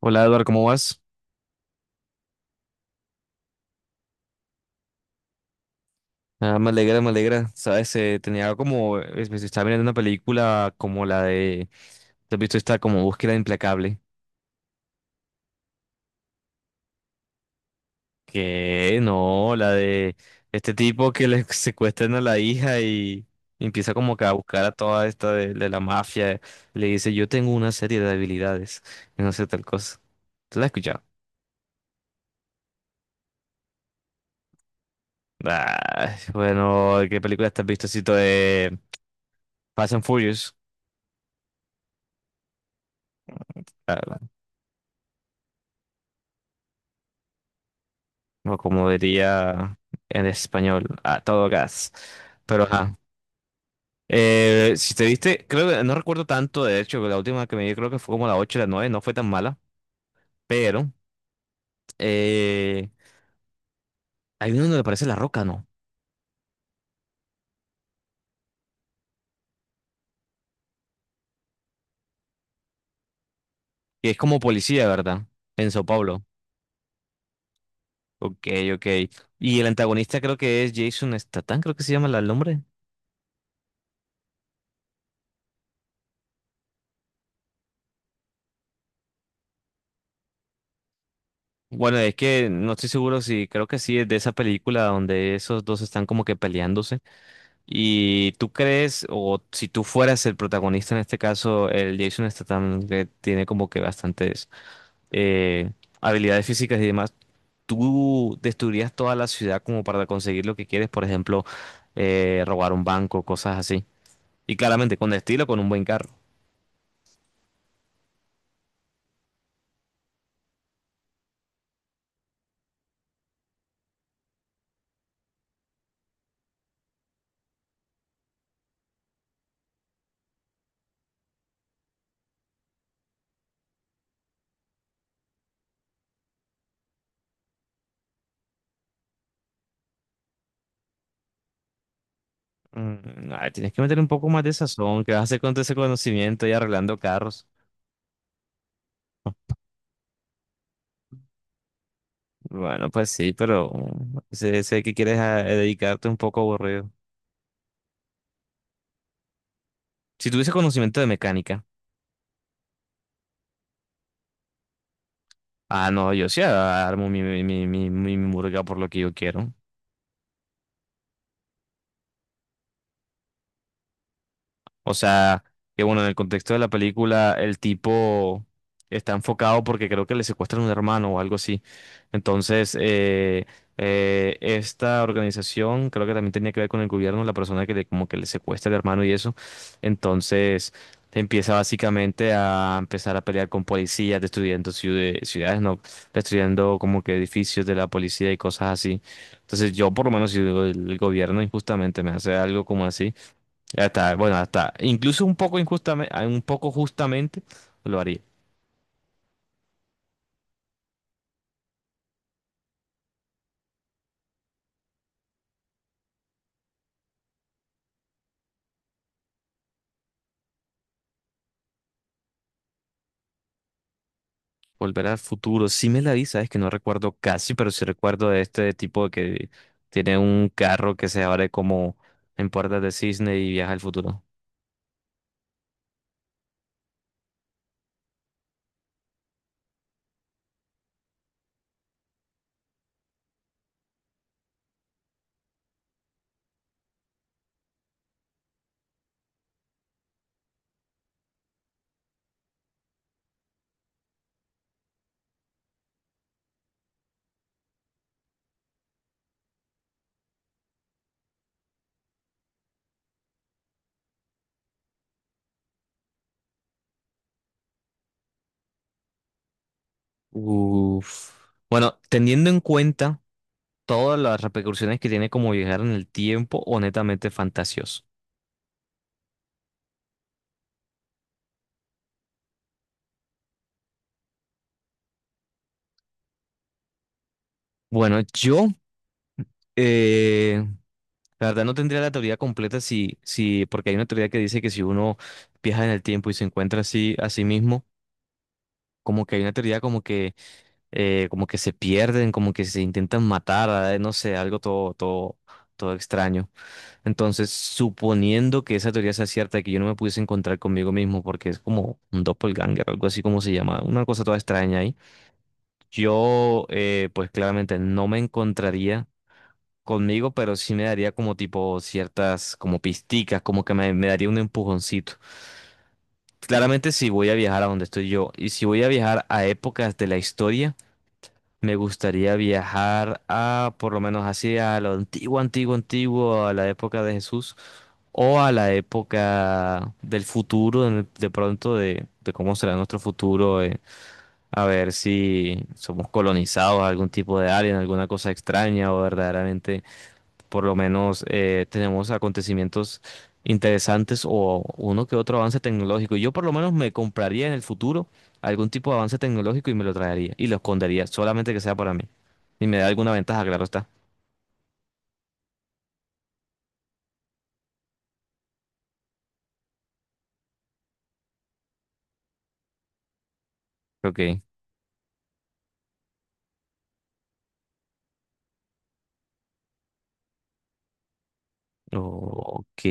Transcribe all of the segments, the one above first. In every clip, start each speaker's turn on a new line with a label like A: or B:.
A: Hola Eduardo, ¿cómo vas? Ah, me alegra, me alegra. Sabes, tenía como, me estaba mirando una película como la de, ¿te has visto esta como Búsqueda Implacable? Que no, la de este tipo que le secuestran a la hija y empieza como que a buscar a toda esta de la mafia. Le dice, yo tengo una serie de habilidades y no sé tal cosa. ¿Tú la has escuchado? Ah, bueno, ¿qué película te has visto? Así, de Fast and Furious. Ah, o como diría en español, a todo gas. Pero ajá. Si te viste, creo que no recuerdo tanto, de hecho, la última que me vi creo que fue como la 8 o la 9 no fue tan mala, pero eh, hay uno donde aparece La Roca, ¿no? Que es como policía, ¿verdad? En Sao Paulo. Ok, ok. Y el antagonista creo que es Jason Statham, creo que se llama el nombre. Bueno, es que no estoy seguro si creo que sí es de esa película donde esos dos están como que peleándose. ¿Y tú crees, o si tú fueras el protagonista en este caso, el Jason Statham, que tiene como que bastantes eh, habilidades físicas y demás, ¿tú destruirías toda la ciudad como para conseguir lo que quieres? Por ejemplo, robar un banco, cosas así. Y claramente, con estilo, con un buen carro. Mm, ay, tienes que meter un poco más de sazón, ¿qué vas a hacer con todo ese conocimiento y arreglando carros? Bueno, pues sí, pero mm, sé que quieres dedicarte un poco aburrido. Si tuviese conocimiento de mecánica. Ah, no, yo sí armo mi murga por lo que yo quiero. O sea, que bueno, en el contexto de la película, el tipo está enfocado porque creo que le secuestran un hermano o algo así. Entonces, esta organización creo que también tenía que ver con el gobierno, la persona que le, como que le secuestra el hermano y eso. Entonces, empieza básicamente a empezar a pelear con policías, destruyendo ciudades, no, destruyendo como que edificios de la policía y cosas así. Entonces, yo por lo menos si el gobierno injustamente me hace algo como así. Ya está, bueno, hasta, incluso un poco injustamente, un poco justamente lo haría. Volver al futuro, sí me la vi, sabes que no recuerdo casi, pero sí recuerdo de este tipo que tiene un carro que se abre como en puertas de cisne y viaja al futuro. Uf. Bueno, teniendo en cuenta todas las repercusiones que tiene como viajar en el tiempo, honestamente fantasioso. Bueno, yo, eh, la verdad no tendría la teoría completa si, porque hay una teoría que dice que si uno viaja en el tiempo y se encuentra así a sí mismo, como que hay una teoría como que se pierden, como que se intentan matar, no sé, algo todo, todo extraño. Entonces, suponiendo que esa teoría sea cierta, y que yo no me pudiese encontrar conmigo mismo, porque es como un doppelganger, algo así como se llama, una cosa toda extraña ahí, yo, pues claramente no me encontraría conmigo, pero sí me daría como tipo ciertas, como pisticas, como que me daría un empujoncito. Claramente si voy a viajar a donde estoy yo y si voy a viajar a épocas de la historia, me gustaría viajar a, por lo menos así, a lo antiguo, antiguo, a la época de Jesús o a la época del futuro, en de pronto de cómo será nuestro futuro, a ver si somos colonizados, algún tipo de alien, alguna cosa extraña o verdaderamente por lo menos tenemos acontecimientos interesantes o uno que otro avance tecnológico. Yo por lo menos me compraría en el futuro algún tipo de avance tecnológico y me lo traería y lo escondería, solamente que sea para mí. Y me da alguna ventaja, claro está. Ok, ok.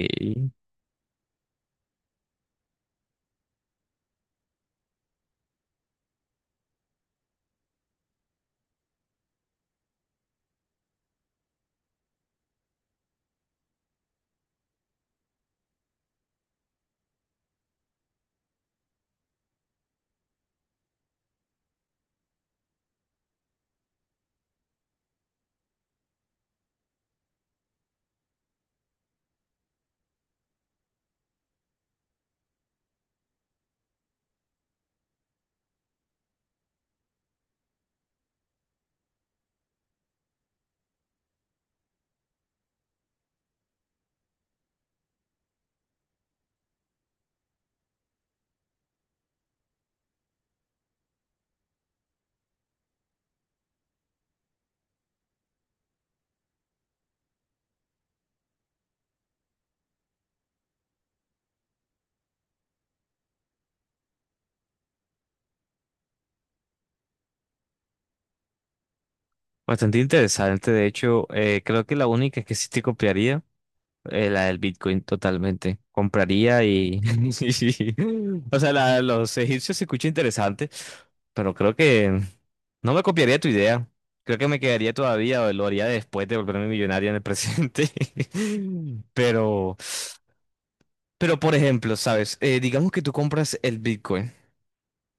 A: Bastante interesante, de hecho, creo que la única que sí te copiaría. La del Bitcoin totalmente. Compraría y... sí. Sí. O sea, la de los egipcios se escucha interesante, pero creo que no me copiaría tu idea. Creo que me quedaría todavía o lo haría después de volverme millonaria en el presente. Pero, pero por ejemplo, ¿sabes? Digamos que tú compras el Bitcoin.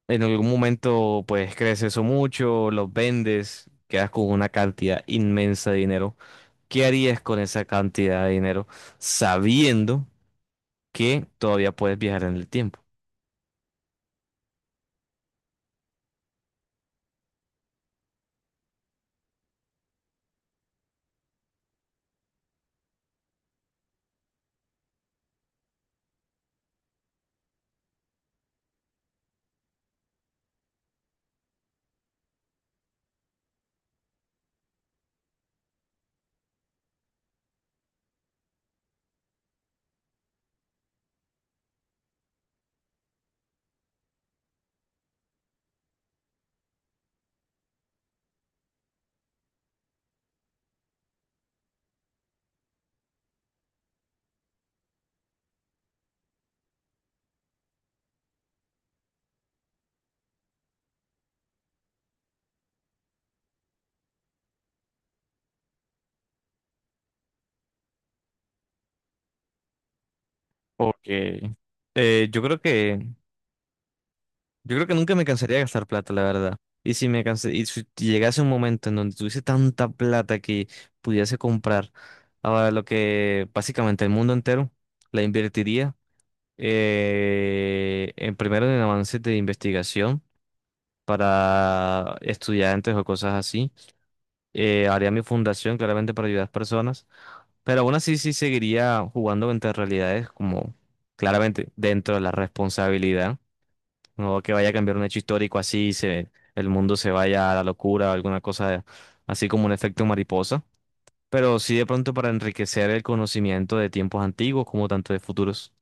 A: En algún momento, pues crece eso mucho, los vendes, quedas con una cantidad inmensa de dinero. ¿Qué harías con esa cantidad de dinero sabiendo que todavía puedes viajar en el tiempo? Ok. Yo creo yo creo que nunca me cansaría de gastar plata, la verdad. Y si me cansé, y si llegase un momento en donde tuviese tanta plata que pudiese comprar ahora lo que básicamente el mundo entero, la invertiría en primero en avances de investigación para estudiantes o cosas así. Haría mi fundación claramente para ayudar a las personas. Pero aún así sí seguiría jugando entre realidades como claramente dentro de la responsabilidad. No que vaya a cambiar un hecho histórico así, y se, el mundo se vaya a la locura o alguna cosa así como un efecto mariposa. Pero sí de pronto para enriquecer el conocimiento de tiempos antiguos como tanto de futuros.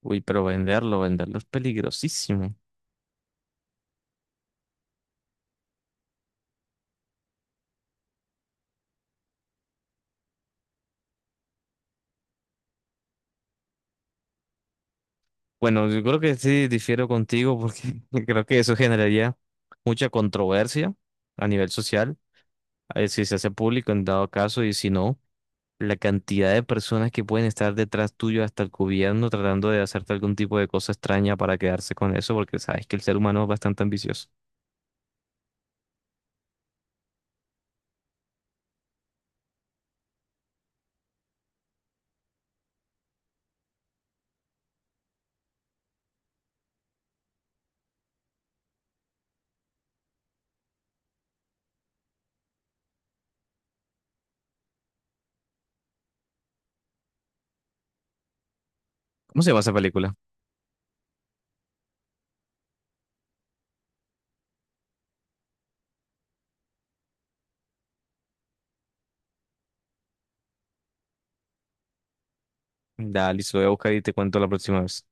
A: Uy, pero venderlo, venderlo es peligrosísimo. Bueno, yo creo que sí difiero contigo porque creo que eso generaría mucha controversia a nivel social. A si se hace público en dado caso y si no. La cantidad de personas que pueden estar detrás tuyo, hasta el gobierno, tratando de hacerte algún tipo de cosa extraña para quedarse con eso, porque sabes que el ser humano es bastante ambicioso. ¿Cómo se llama esa película? Dale, se lo voy a buscar y te cuento la próxima vez.